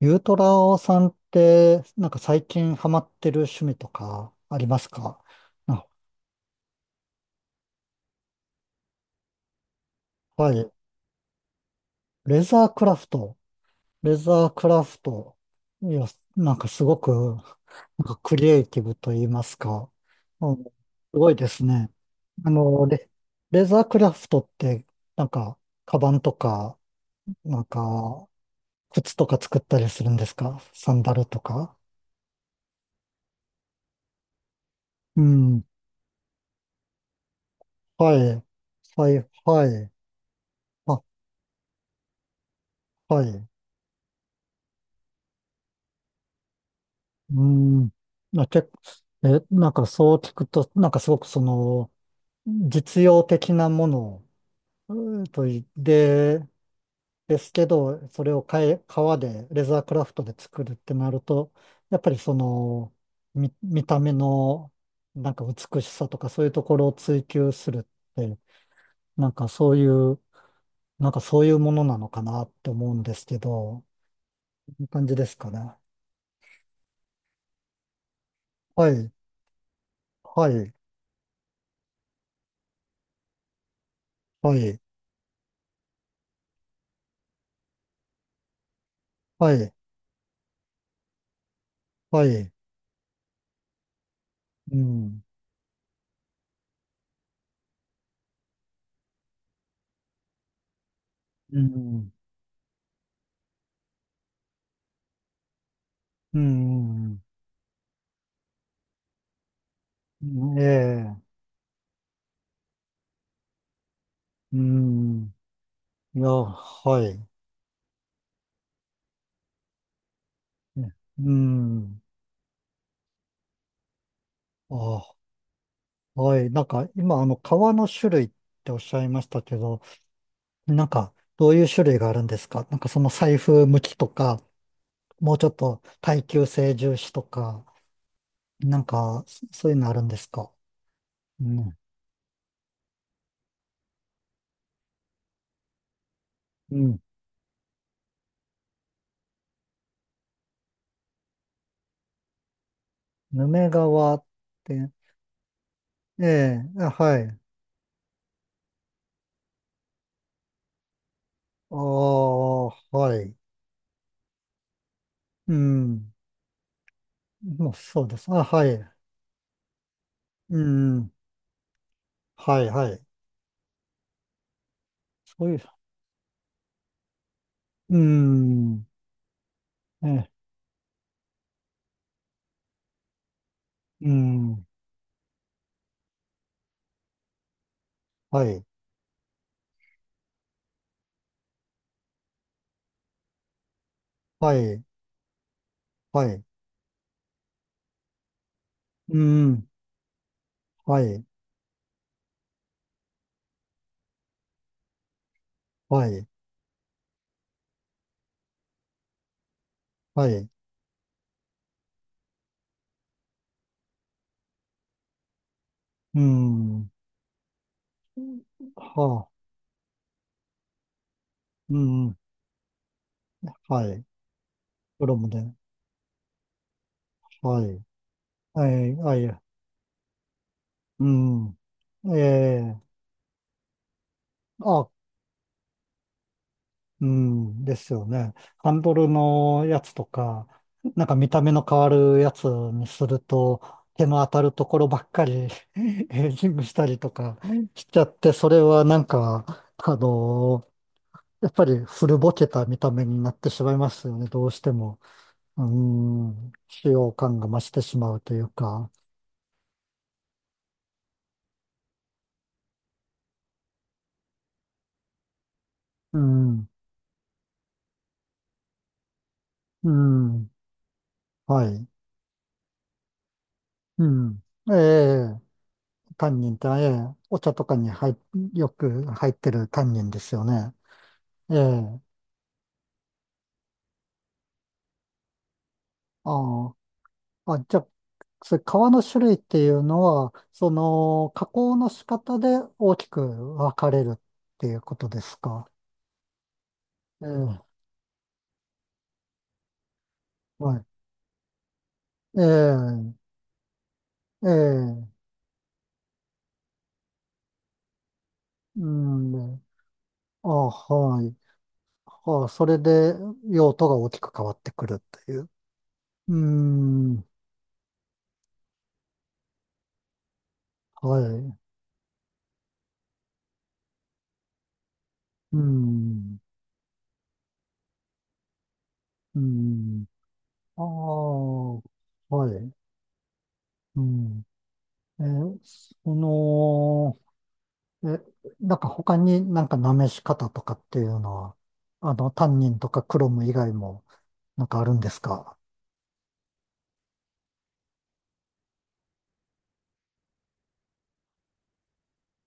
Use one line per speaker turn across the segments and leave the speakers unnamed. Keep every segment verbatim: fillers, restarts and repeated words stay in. ゆうトラオさんって、なんか最近ハマってる趣味とかありますか？あ、はい。レザークラフト。レザークラフト。いや、なんかすごく、なんかクリエイティブと言いますか。うん、すごいですね。あの、レ、レザークラフトって、なんか、カバンとか、なんか、靴とか作ったりするんですか？サンダルとか。うん。はい。はい、はい。あ、はい。うん。あ、け、え、なんかそう聞くと、なんかすごくその、実用的なものうんといで、ですけど、それをかえ、革で、レザークラフトで作るってなると、やっぱりその、見、見た目の、なんか美しさとかそういうところを追求するって、なんかそういう、なんかそういうものなのかなって思うんですけど、いい感じですかね。はい、はい、はい、はい、はい、うん。うん、うん、うんええ、うん、いや、はい。ねうん、あ、はい。なんか、今、あの、革の種類っておっしゃいましたけど、なんか、どういう種類があるんですか？なんか、その財布向きとか、もうちょっと耐久性重視とか、なんか、そそういうのあるんですか？うん、うん。ヌメ革って、ええ、あはい。ああ、はい。うん。もうそうです。あ、はい。うん。はいはい。そういう、うん。ね、うん。はい。はい。はい。うん。はい。はい。はい。うん。はあ。うん。はい。プロムで。はい。はい。はい。うん。ええあ、うん、ですよね。ハンドルのやつとか、なんか見た目の変わるやつにすると、手の当たるところばっかり エイジングしたりとかしちゃって、それはなんか、あのーやっぱり古ぼけた見た目になってしまいますよね、どうしても。うん、使用感が増してしまうというか。うん、うん、はい。うん、ええタンニンって、ええ、お茶とかに入っ、よく入ってるタンニンですよね。ええ、ああ、あ、じゃあ、それ皮の種類っていうのは、その、加工の仕方で大きく分かれるっていうことですか？ええ、はい。ええ、ええ、うん、あ、はい。あ、それで用途が大きく変わってくるという。うん、はい。うん、うん、ああ、はい。うん。えーその、え、なんか他になんかなめし方とかっていうのは、あの、タンニンとかクロム以外もなんかあるんですか？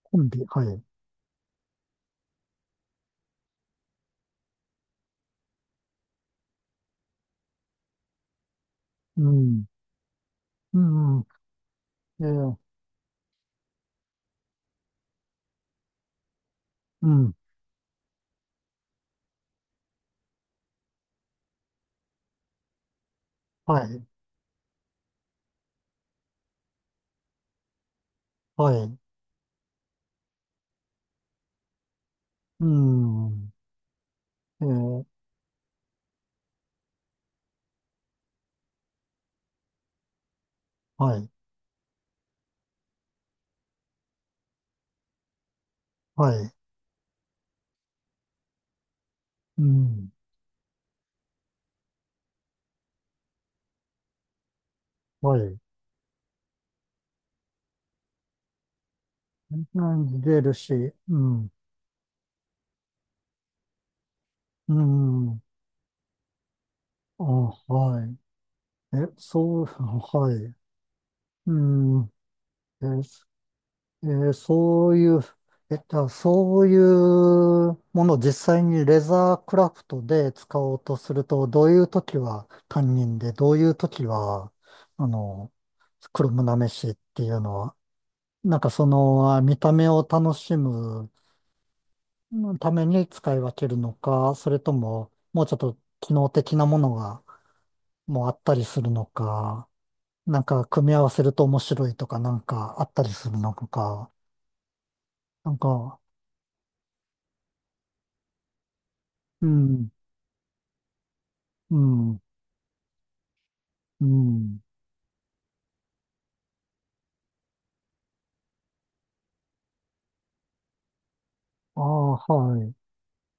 コンビ、はい。うん。うん。えーうん。はい。はい。うん。えーはい。はい。うん。はい。うん出るし、うん。うん。あ、はい。え、そう、はい。うん。えーえーそういう、えっと、そういうものを実際にレザークラフトで使おうとすると、どういう時は担任で、どういう時は、あの、黒むなめしっていうのは、なんかその、あ見た目を楽しむために使い分けるのか、それとも、もうちょっと機能的なものがもうあったりするのか、なんか組み合わせると面白いとかなんかあったりするのか、なんか、うん。うん、うん。ああ、はい。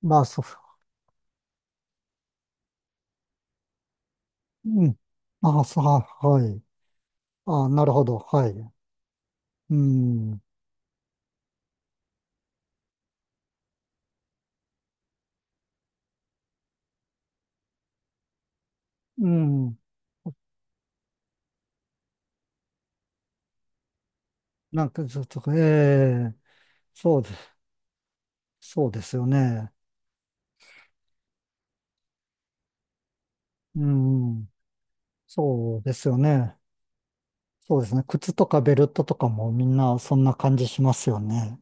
まあ、そう、うん。ああ、そう、はい。ああ、なるほど、はい。うん、うん。なんか、ちょっと、ええ、そうです、そうですよね。うん、そうですよね。そうですね。靴とかベルトとかもみんなそんな感じしますよね。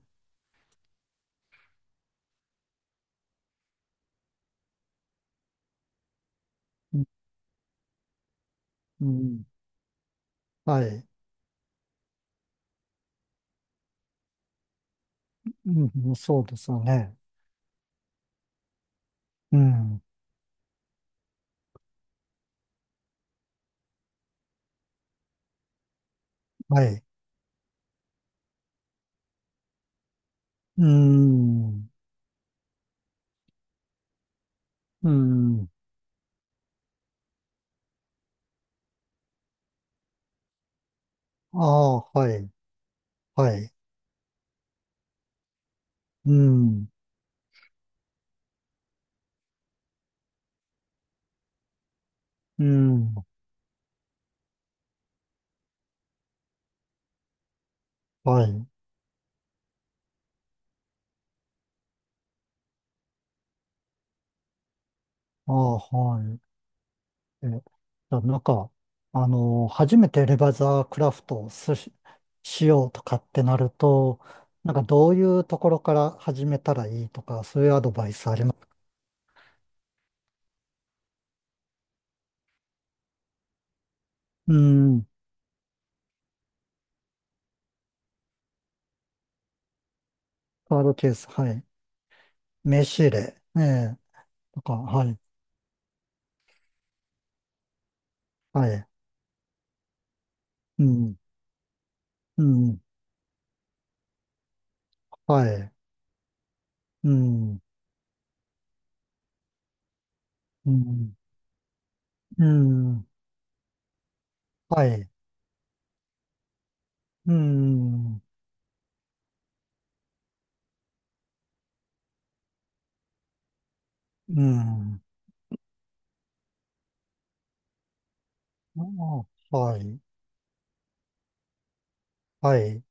うん、はい。うん、そうですよね。うん、はい。うん、うん。ああ、はい、はい。うん。うん、はい。ああ、はい。え、じゃあなんか、あの、初めてレバーザークラフトをすし、しようとかってなると、なんかどういうところから始めたらいいとか、そういうアドバイスあります？うん、カードケース、はい。名刺入れ、ええ、とか、はい、はい。うん、うん、はい。うん、うん、うん、はい。うん、うん、ああはい、はい。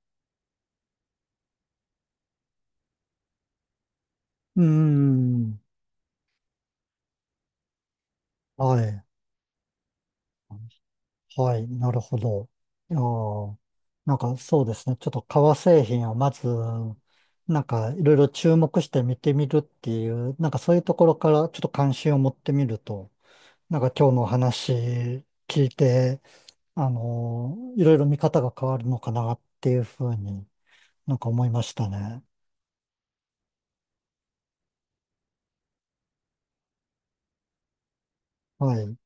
うん。はい。はい。なるほど。いやーなんかそうですね。ちょっと革製品をまず、なんかいろいろ注目して見てみるっていう、なんかそういうところからちょっと関心を持ってみると、なんか今日のお話聞いて、あのーいろいろ見方が変わるのかなっていうふうになんか思いましたね。はい。うん